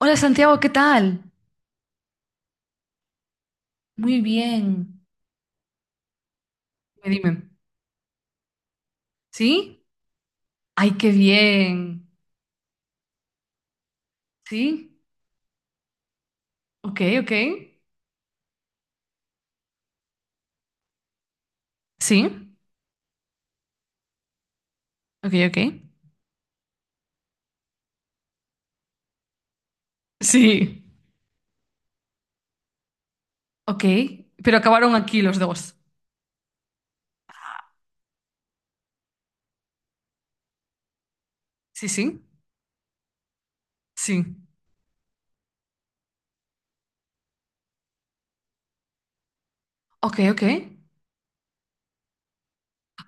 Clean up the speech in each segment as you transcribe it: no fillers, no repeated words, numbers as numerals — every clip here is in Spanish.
Hola Santiago, ¿qué tal? Muy bien. Dime, dime. ¿Sí? Ay, qué bien. ¿Sí? Ok, ok. ¿Sí? Ok, ok. Sí. Ok. Pero acabaron aquí los dos. Sí, sí. Sí. Ok, ok.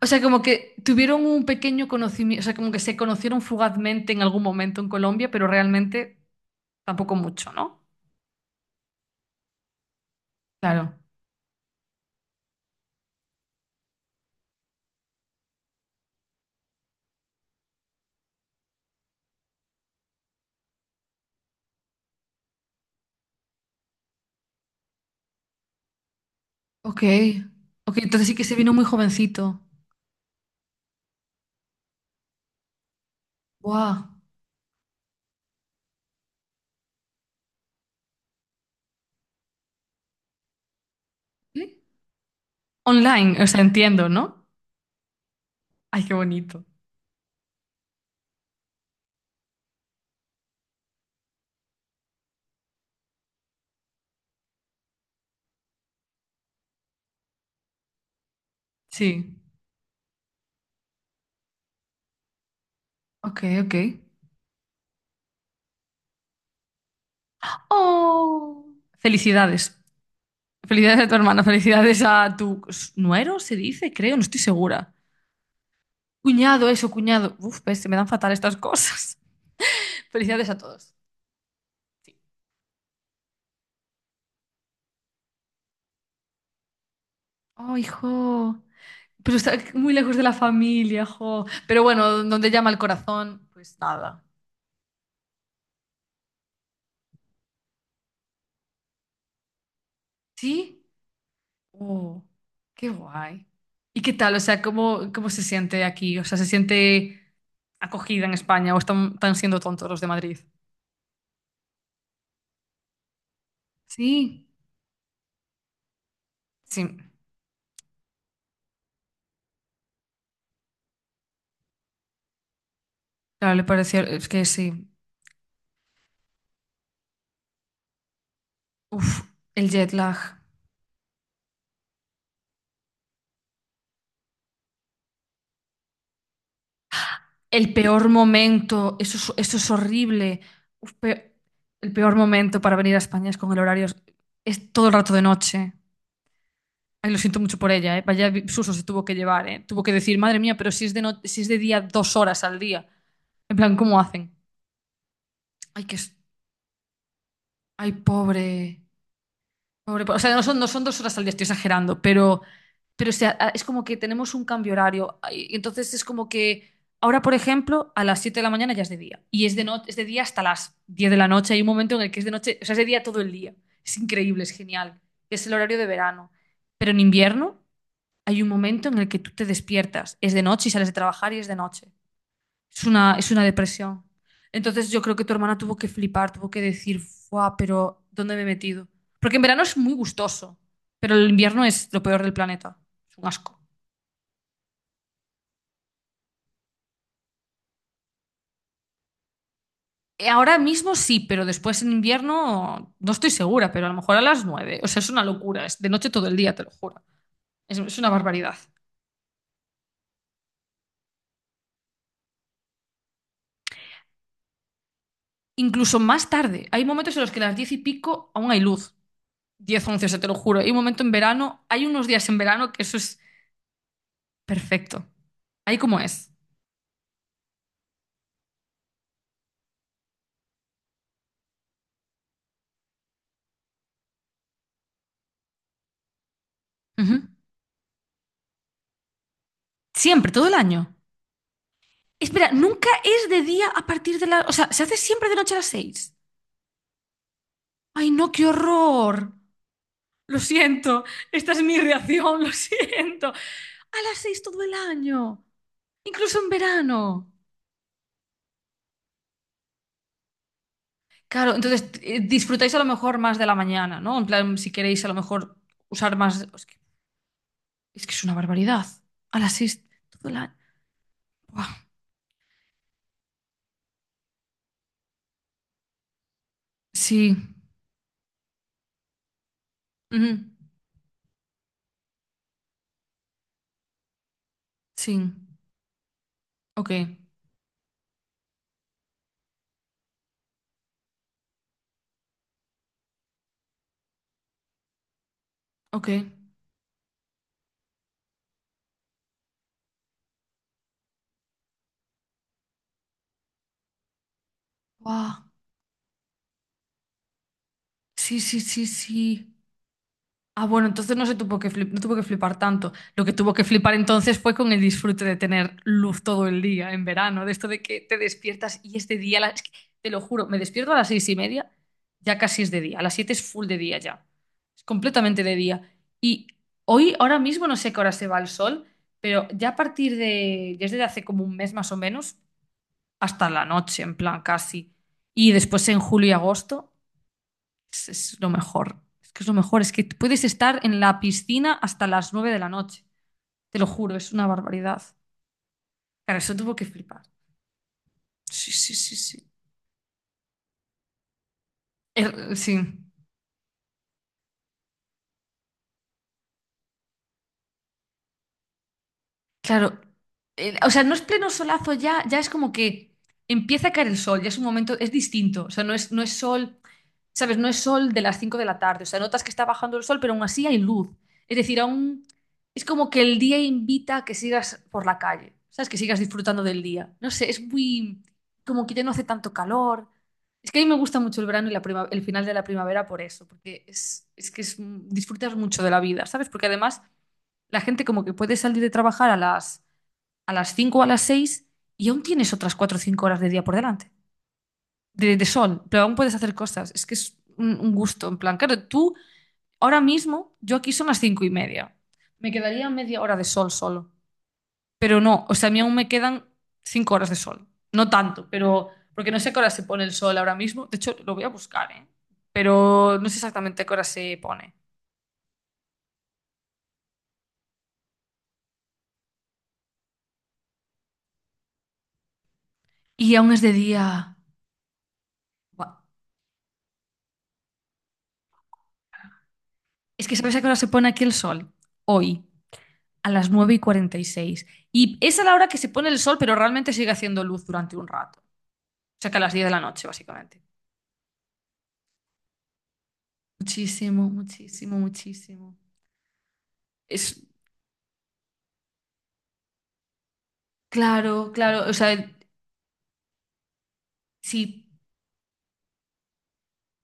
O sea, como que tuvieron un pequeño conocimiento, o sea, como que se conocieron fugazmente en algún momento en Colombia, pero realmente tampoco mucho, ¿no? Claro. Ok. Ok, entonces sí que se vino muy jovencito. Wow. Online, o sea, entiendo, ¿no? Ay, qué bonito. Sí. Ok, ok. ¡Oh! Felicidades. Felicidades a tu hermano, felicidades a tu nuero, se dice, creo, no estoy segura. Cuñado, eso, cuñado. Uf, ves, se me dan fatal estas cosas. Felicidades a todos. Sí. Oh, hijo. Pero está muy lejos de la familia, jo. Pero bueno, donde llama el corazón, pues nada. ¿Sí? Oh, qué guay. ¿Y qué tal? O sea, ¿cómo se siente aquí? O sea, ¿se siente acogida en España o están siendo tontos los de Madrid? Sí, sí. Claro, le pareció, es que sí. Uf, el jet lag. El peor momento, eso es horrible. Uf, pe- el peor momento para venir a España es con el horario, es todo el rato de noche. Ay, lo siento mucho por ella, ¿eh? Vaya vi- susto se tuvo que llevar, ¿eh? Tuvo que decir, madre mía, pero si es de, no- si es de día 2 horas al día. En plan, ¿cómo hacen? Ay, que es. Ay, pobre. Pobre, po- O sea, no son, no son 2 horas al día, estoy exagerando, pero o sea, a- es como que tenemos un cambio horario. Ay, y entonces es como que ahora, por ejemplo, a las 7 de la mañana ya es de día. Y es de, no, es de día hasta las 10 de la noche. Hay un momento en el que es de noche, o sea, es de día todo el día. Es increíble, es genial. Es el horario de verano. Pero en invierno hay un momento en el que tú te despiertas. Es de noche y sales de trabajar y es de noche. Es una depresión. Entonces yo creo que tu hermana tuvo que flipar, tuvo que decir, ¡guau! Pero ¿dónde me he metido? Porque en verano es muy gustoso, pero el invierno es lo peor del planeta. Es un asco. Ahora mismo sí, pero después en invierno no estoy segura, pero a lo mejor a las 9. O sea, es una locura. Es de noche todo el día, te lo juro. Es una barbaridad. Incluso más tarde. Hay momentos en los que a las 10 y pico aún hay luz. 10, 11, o sea, te lo juro. Hay un momento en verano, hay unos días en verano que eso es perfecto. Ahí como es. Ujú. Siempre, todo el año. Espera, nunca es de día a partir de la... O sea, se hace siempre de noche a las 6. Ay, no, qué horror. Lo siento, esta es mi reacción, lo siento. A las 6 todo el año, incluso en verano. Claro, entonces disfrutáis a lo mejor más de la mañana, ¿no? En plan, si queréis a lo mejor usar más... Es que es, que es una barbaridad. A las 6 todo el año. Buah, sí. Ujú, sí. Ok. Ok. Buah. Sí, sí, sí, sí. Ah, bueno, entonces no se tuvo que flip- no tuvo que flipar tanto. Lo que tuvo que flipar entonces fue con el disfrute de tener luz todo el día en verano, de esto de que te despiertas y es de día. La- es que, te lo juro, me despierto a las 6:30, ya casi es de día. A las 7 es full de día ya. Es completamente de día. Y hoy, ahora mismo, no sé a qué hora se va el sol, pero ya a partir de, desde hace como un mes más o menos, hasta la noche, en plan casi. Y después en julio y agosto. Es lo mejor. Es que es lo mejor. Es que puedes estar en la piscina hasta las 9 de la noche. Te lo juro, es una barbaridad. Claro, eso tuvo que flipar. Sí, sí, sí, sí. Er- sí. Claro, o sea, no es pleno solazo ya, ya es como que empieza a caer el sol, ya es un momento, es distinto, o sea, no es, no es sol, ¿sabes? No es sol de las 5 de la tarde, o sea, notas que está bajando el sol, pero aún así hay luz. Es decir, aún es como que el día invita a que sigas por la calle, ¿sabes? Que sigas disfrutando del día. No sé, es muy, como que ya no hace tanto calor. Es que a mí me gusta mucho el verano y la prima- el final de la primavera por eso, porque es que es, disfrutas mucho de la vida, ¿sabes? Porque además la gente como que puede salir de trabajar a las 5 o a las 6 y aún tienes otras 4 o 5 horas de día por delante, de sol, pero aún puedes hacer cosas. Es que es un gusto, en plan, claro, tú ahora mismo, yo aquí son las 5:30, me quedaría media hora de sol solo, pero no, o sea, a mí aún me quedan 5 horas de sol, no tanto, pero porque no sé a qué hora se pone el sol ahora mismo, de hecho lo voy a buscar, ¿eh? Pero no sé exactamente a qué hora se pone. Y aún es de día. Buah. Es que ¿sabes a qué hora se pone aquí el sol? Hoy. a las 9:46 y esa es la hora que se pone el sol, pero realmente sigue haciendo luz durante un rato. O sea que a las 10 de la noche, básicamente. Muchísimo, muchísimo, muchísimo. Es claro, claro. O sea, si.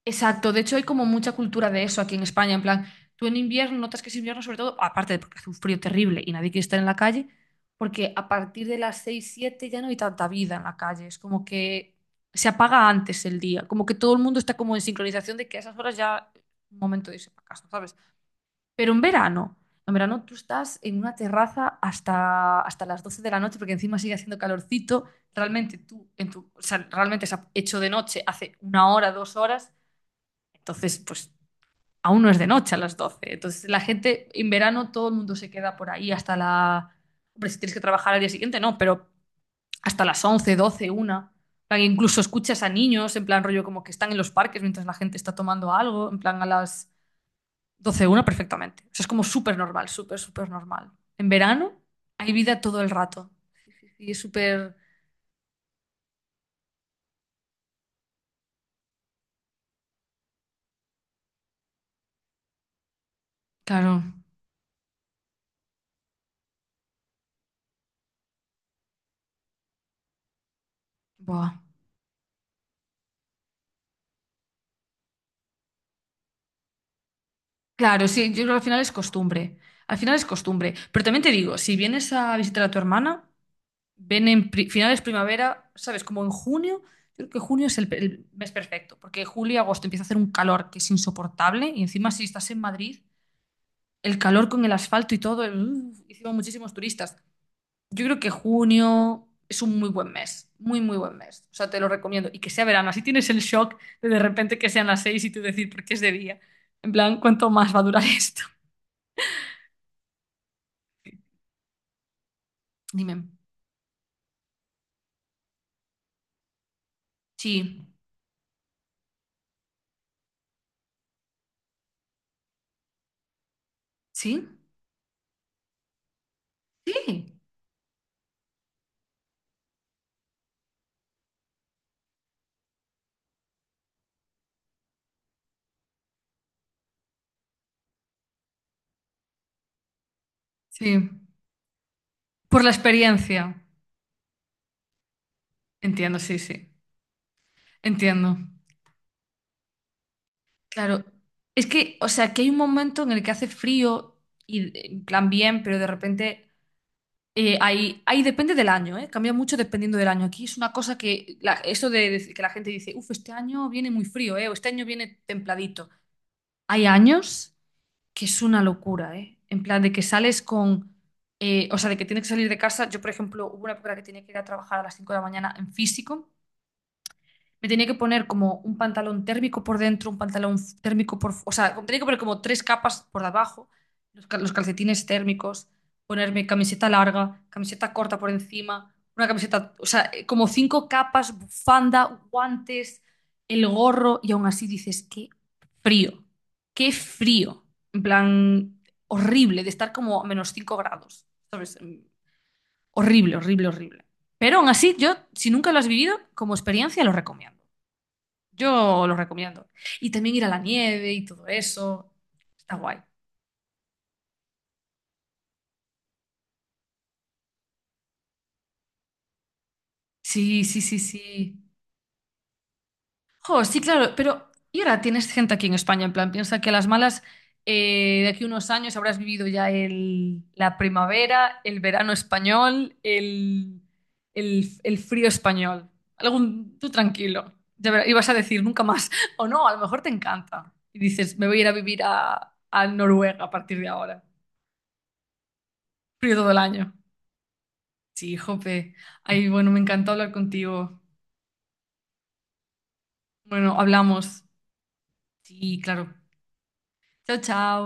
Exacto, de hecho hay como mucha cultura de eso aquí en España, en plan, tú en invierno notas que es invierno sobre todo, aparte de porque hace un frío terrible y nadie quiere estar en la calle, porque a partir de las 6, 7 ya no hay tanta vida en la calle, es como que se apaga antes el día, como que todo el mundo está como en sincronización de que a esas horas ya es un momento de irse para casa, ¿sabes? Pero en verano tú estás en una terraza hasta las 12 de la noche porque encima sigue haciendo calorcito, realmente tú, en tu, o sea, realmente se ha hecho de noche hace una hora, 2 horas entonces, pues aún no es de noche a las 12. Entonces, la gente en verano todo el mundo se queda por ahí hasta la... Hombre, si tienes que trabajar al día siguiente, no, pero hasta las 11, 12, 1. En plan, incluso escuchas a niños, en plan rollo como que están en los parques mientras la gente está tomando algo, en plan a las 12, 1 perfectamente. O sea, es como súper normal, súper, súper normal. En verano hay vida todo el rato. Y es súper... Claro, buah. Claro, sí, yo creo que al final es costumbre. Al final es costumbre. Pero también te digo, si vienes a visitar a tu hermana, ven en pri- finales primavera, ¿sabes? Como en junio. Yo creo que junio es el, pe- el mes perfecto, porque julio y agosto empieza a hacer un calor que es insoportable y encima si estás en Madrid, el calor con el asfalto y todo, el- uf, encima muchísimos turistas. Yo creo que junio es un muy buen mes, muy, muy buen mes. O sea, te lo recomiendo. Y que sea verano, así tienes el shock de repente que sean las 6 y tú decir, ¿por qué es de día? En plan, ¿cuánto más va a durar esto? Dime. Sí, sí, sí, sí. Por la experiencia. Entiendo, sí, sí. Entiendo. Claro. Es que, o sea, que hay un momento en el que hace frío y en plan bien, pero de repente hay, hay- depende del año, ¿eh? Cambia mucho dependiendo del año. Aquí es una cosa que la- eso de que la gente dice, uff, este año viene muy frío, ¿eh? O este año viene templadito. Hay años que es una locura, ¿eh? En plan de que sales con, o sea, de que tienes que salir de casa. Yo, por ejemplo, hubo una época en la que tenía que ir a trabajar a las 5 de la mañana en físico. Me tenía que poner como un pantalón térmico por dentro, un pantalón f- térmico por... Fu- o sea, tenía que poner como 3 capas por debajo, los, cal- los calcetines térmicos, ponerme camiseta larga, camiseta corta por encima, una camiseta... O sea, como 5 capas, bufanda, guantes, el gorro, y aún así dices, qué frío, qué frío. En plan, horrible, de estar como a -5 grados, ¿sabes? Horrible, horrible, horrible. Pero aún así, yo, si nunca lo has vivido, como experiencia lo recomiendo. Yo lo recomiendo. Y también ir a la nieve y todo eso. Está guay. Sí, sí, sí, sí. Jo, sí, claro, pero ¿y ahora tienes gente aquí en España? En plan, piensa que a las malas, de aquí a unos años habrás vivido ya el, la primavera, el verano español, el frío español. Algún, tú tranquilo. Ya verás, ibas a decir nunca más. O no, a lo mejor te encanta. Y dices, me voy a ir a vivir a Noruega a partir de ahora. Frío todo el año. Sí, jope. Ay, bueno, me encanta hablar contigo. Bueno, hablamos. Sí, claro. Chao, chao.